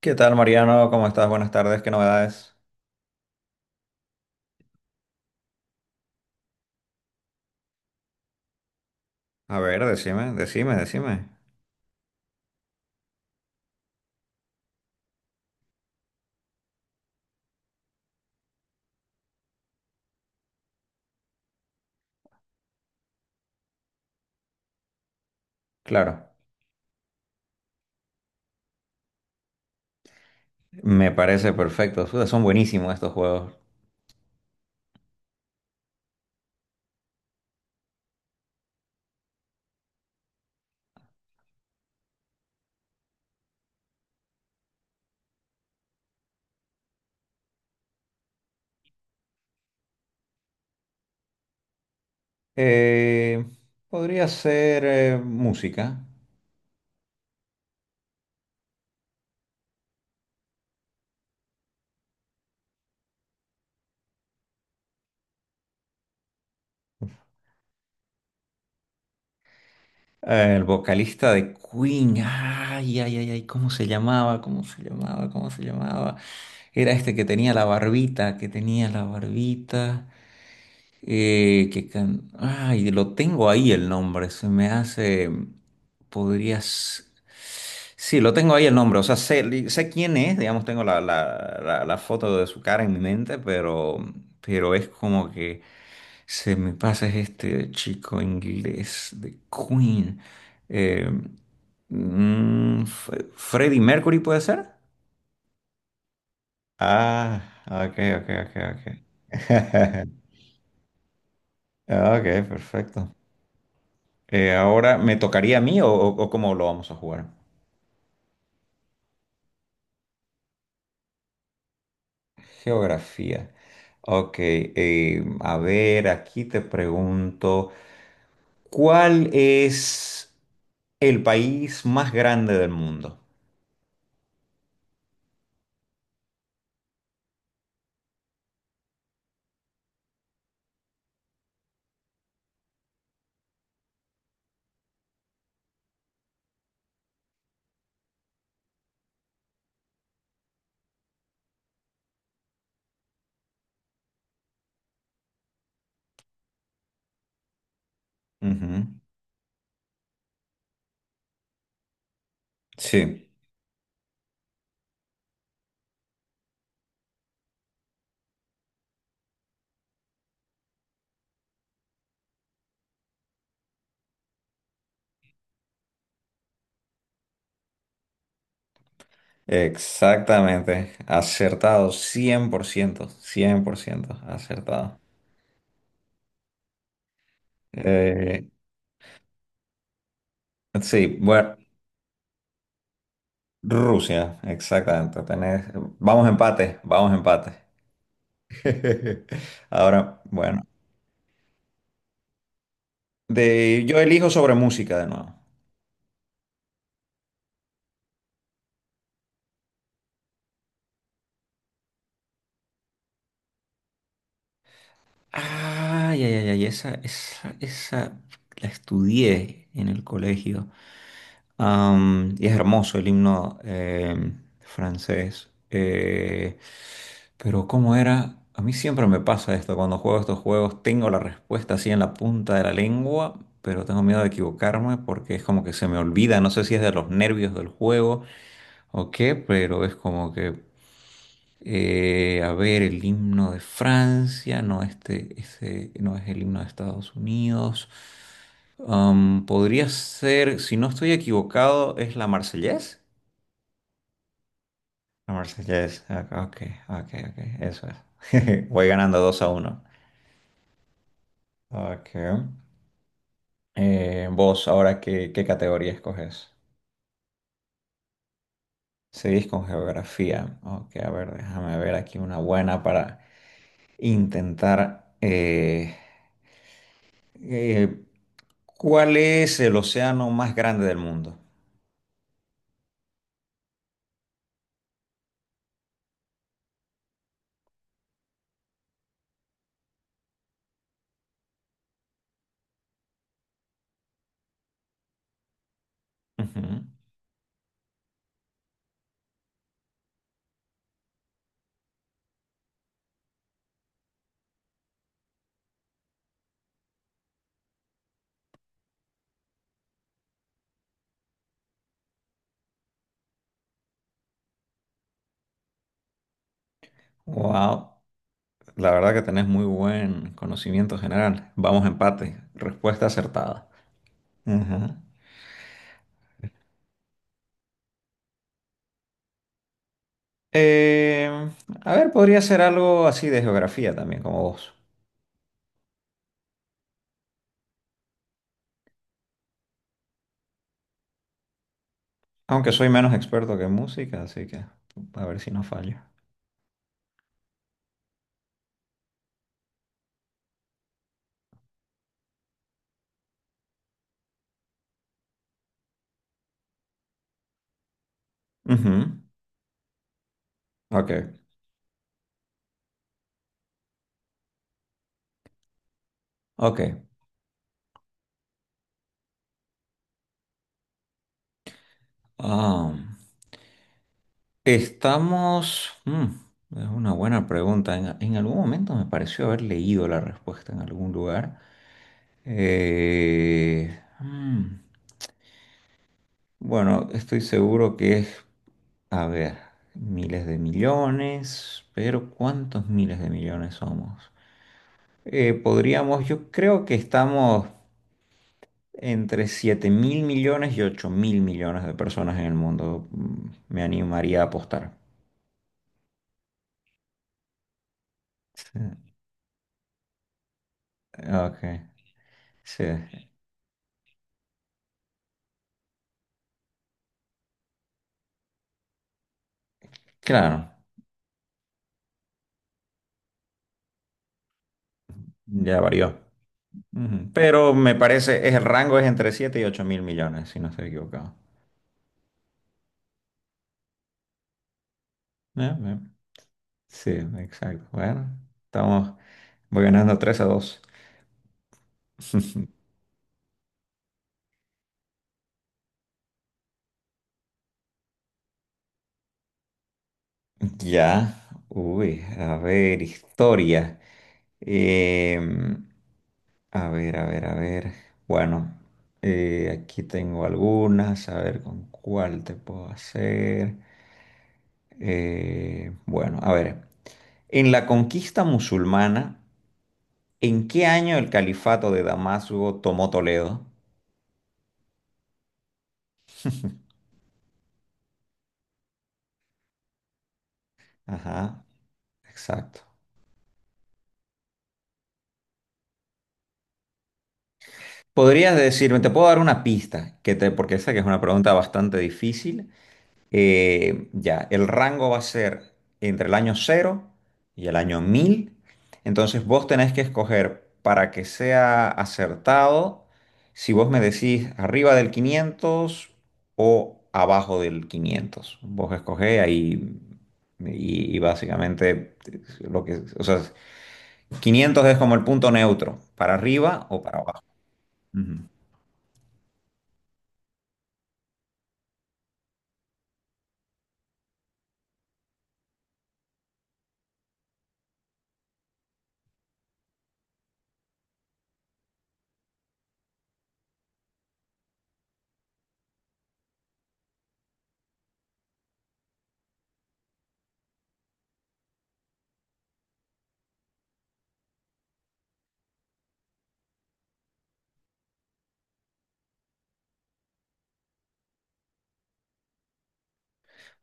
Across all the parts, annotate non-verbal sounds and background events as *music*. ¿Qué tal, Mariano? ¿Cómo estás? Buenas tardes, ¿qué novedades? A ver, decime. Claro, me parece perfecto. Suda, son buenísimos estos juegos. Eh, Podría ser música. El vocalista de Queen. Ay, ay, ay, ay, ¿cómo se llamaba? Era este que tenía la barbita, Ay, lo tengo ahí el nombre, se me hace... Podrías... Sí, lo tengo ahí el nombre, o sea, sé quién es, digamos, tengo la foto de su cara en mi mente, pero es como que se me pasa, es este chico inglés de Queen. Eh, ¿Freddie Mercury puede ser? Ah, ok. *laughs* Ok, perfecto. Ahora, ¿me tocaría a mí o, o cómo lo vamos a jugar? Geografía. Ok, a ver, aquí te pregunto, ¿cuál es el país más grande del mundo? Ujú. Sí, exactamente. Acertado, cien por ciento, acertado. Eh, sí, bueno, Rusia, exactamente. Tenés... vamos empate. *laughs* Ahora, bueno. De Yo elijo sobre música de nuevo. Ay, ay, ay, ay, esa la estudié en el colegio. Am, y es hermoso el himno francés. Pero ¿cómo era? A mí siempre me pasa esto, cuando juego estos juegos tengo la respuesta así en la punta de la lengua, pero tengo miedo de equivocarme porque es como que se me olvida, no sé si es de los nervios del juego o qué, pero es como que... A ver, el himno de Francia, no, este, ese no es el himno de Estados Unidos. Am, podría ser, si no estoy equivocado, ¿es la Marsellesa? La Marsellesa, ok, eso es. *laughs* Voy ganando 2 a uno. Ok. Vos, ahora, qué categoría escoges? Seguís con geografía. Ok, a ver, déjame ver aquí una buena para intentar. Eh, ¿Cuál es el océano más grande del mundo? Ujú. Wow, la verdad que tenés muy buen conocimiento general. Vamos a empate. Respuesta acertada. Ujú. Eh, a ver, podría ser algo así de geografía también, como vos. Aunque soy menos experto que en música, así que a ver si no fallo. Ujú. Ok, ok. Ah. Estamos... es una buena pregunta. En algún momento me pareció haber leído la respuesta en algún lugar. Eh, mm, bueno, estoy seguro que es, a ver, miles de millones, pero ¿cuántos miles de millones somos? Podríamos, yo creo que estamos entre 7.000 millones y 8.000 millones de personas en el mundo. Me animaría a apostar. Sí, ok, sí, claro. Ya varió. Ujú. Pero me parece, el rango es entre 7 y 8.000 millones, si no estoy equivocado. Ya, ya. Sí, exacto. Bueno, estamos, voy ganando tres a dos. *laughs* Ya, uy, a ver, historia. Em, a ver, a ver. Bueno, aquí tengo algunas, a ver con cuál te puedo hacer. Bueno, a ver. En la conquista musulmana, ¿en qué año el califato de Damasco tomó Toledo? Ajá, exacto. Podrías decirme, te puedo dar una pista, que te, porque esa que es una pregunta bastante difícil. Ya, el rango va a ser entre el año cero y el año 1000. Entonces vos tenés que escoger, para que sea acertado, si vos me decís arriba del 500 o abajo del quinientos. Vos escogés ahí y básicamente lo que, o sea, 500 es como el punto neutro, para arriba o para abajo. Ujú.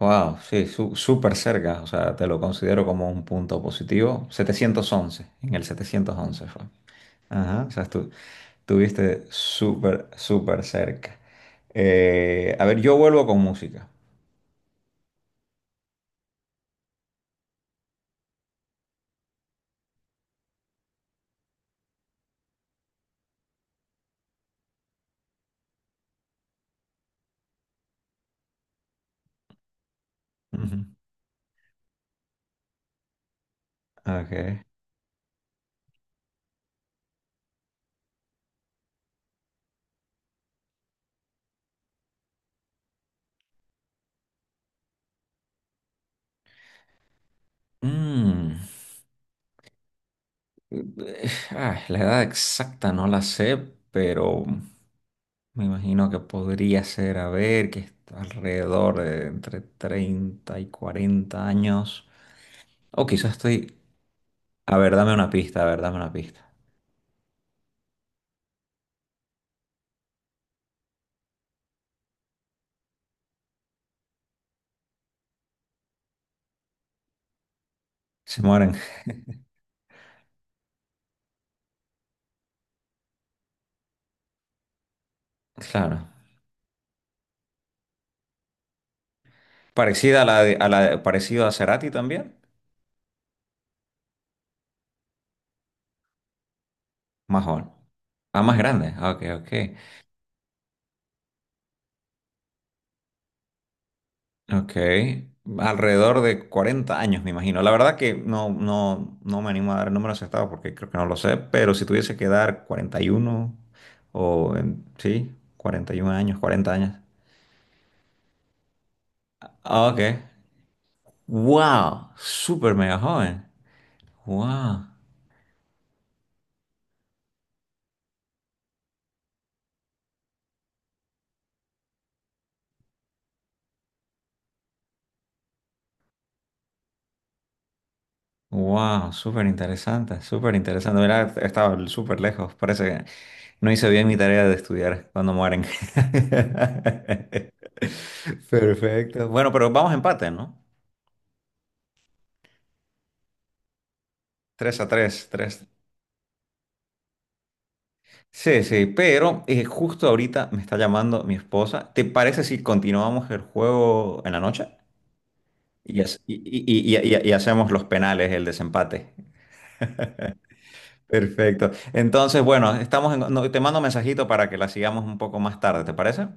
Wow, sí, súper cerca, o sea, te lo considero como un punto positivo. 711. En el 711 fue. Ajá, o sea, estuviste súper, súper cerca. A ver, yo vuelvo con música. Ujú. Ok. Mm, la edad exacta no la sé, pero me imagino que podría ser, a ver, que está alrededor de entre 30 y 40 años. O quizás estoy... A ver, dame una pista, a ver, dame una pista. Se mueren. Claro. Parecida a la de, parecido a Cerati también. Más joven. Ah, más grande. Ah, ok, ok. Ok. Alrededor de 40 años, me imagino. La verdad que no, no me animo a dar el número acertado porque creo que no lo sé, pero si tuviese que dar 41 sí, 41 años, 40 años. Ah, ok. Wow, súper mega joven. Wow. Wow, súper interesante, súper interesante. Mira, estaba súper lejos. Parece que no hice bien mi tarea de estudiar cuando mueren. *laughs* Perfecto. Bueno, pero vamos a empate, ¿no? Tres a tres, tres. Sí, sí, pero justo ahorita me está llamando mi esposa. ¿Te parece si continuamos el juego en la noche? Y, y hacemos los penales, el desempate. Perfecto. Entonces, bueno, no, te mando un mensajito para que la sigamos un poco más tarde, ¿te parece?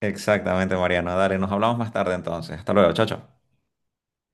Exactamente, Mariano. Dale, nos hablamos más tarde entonces. Hasta luego, chao, chao.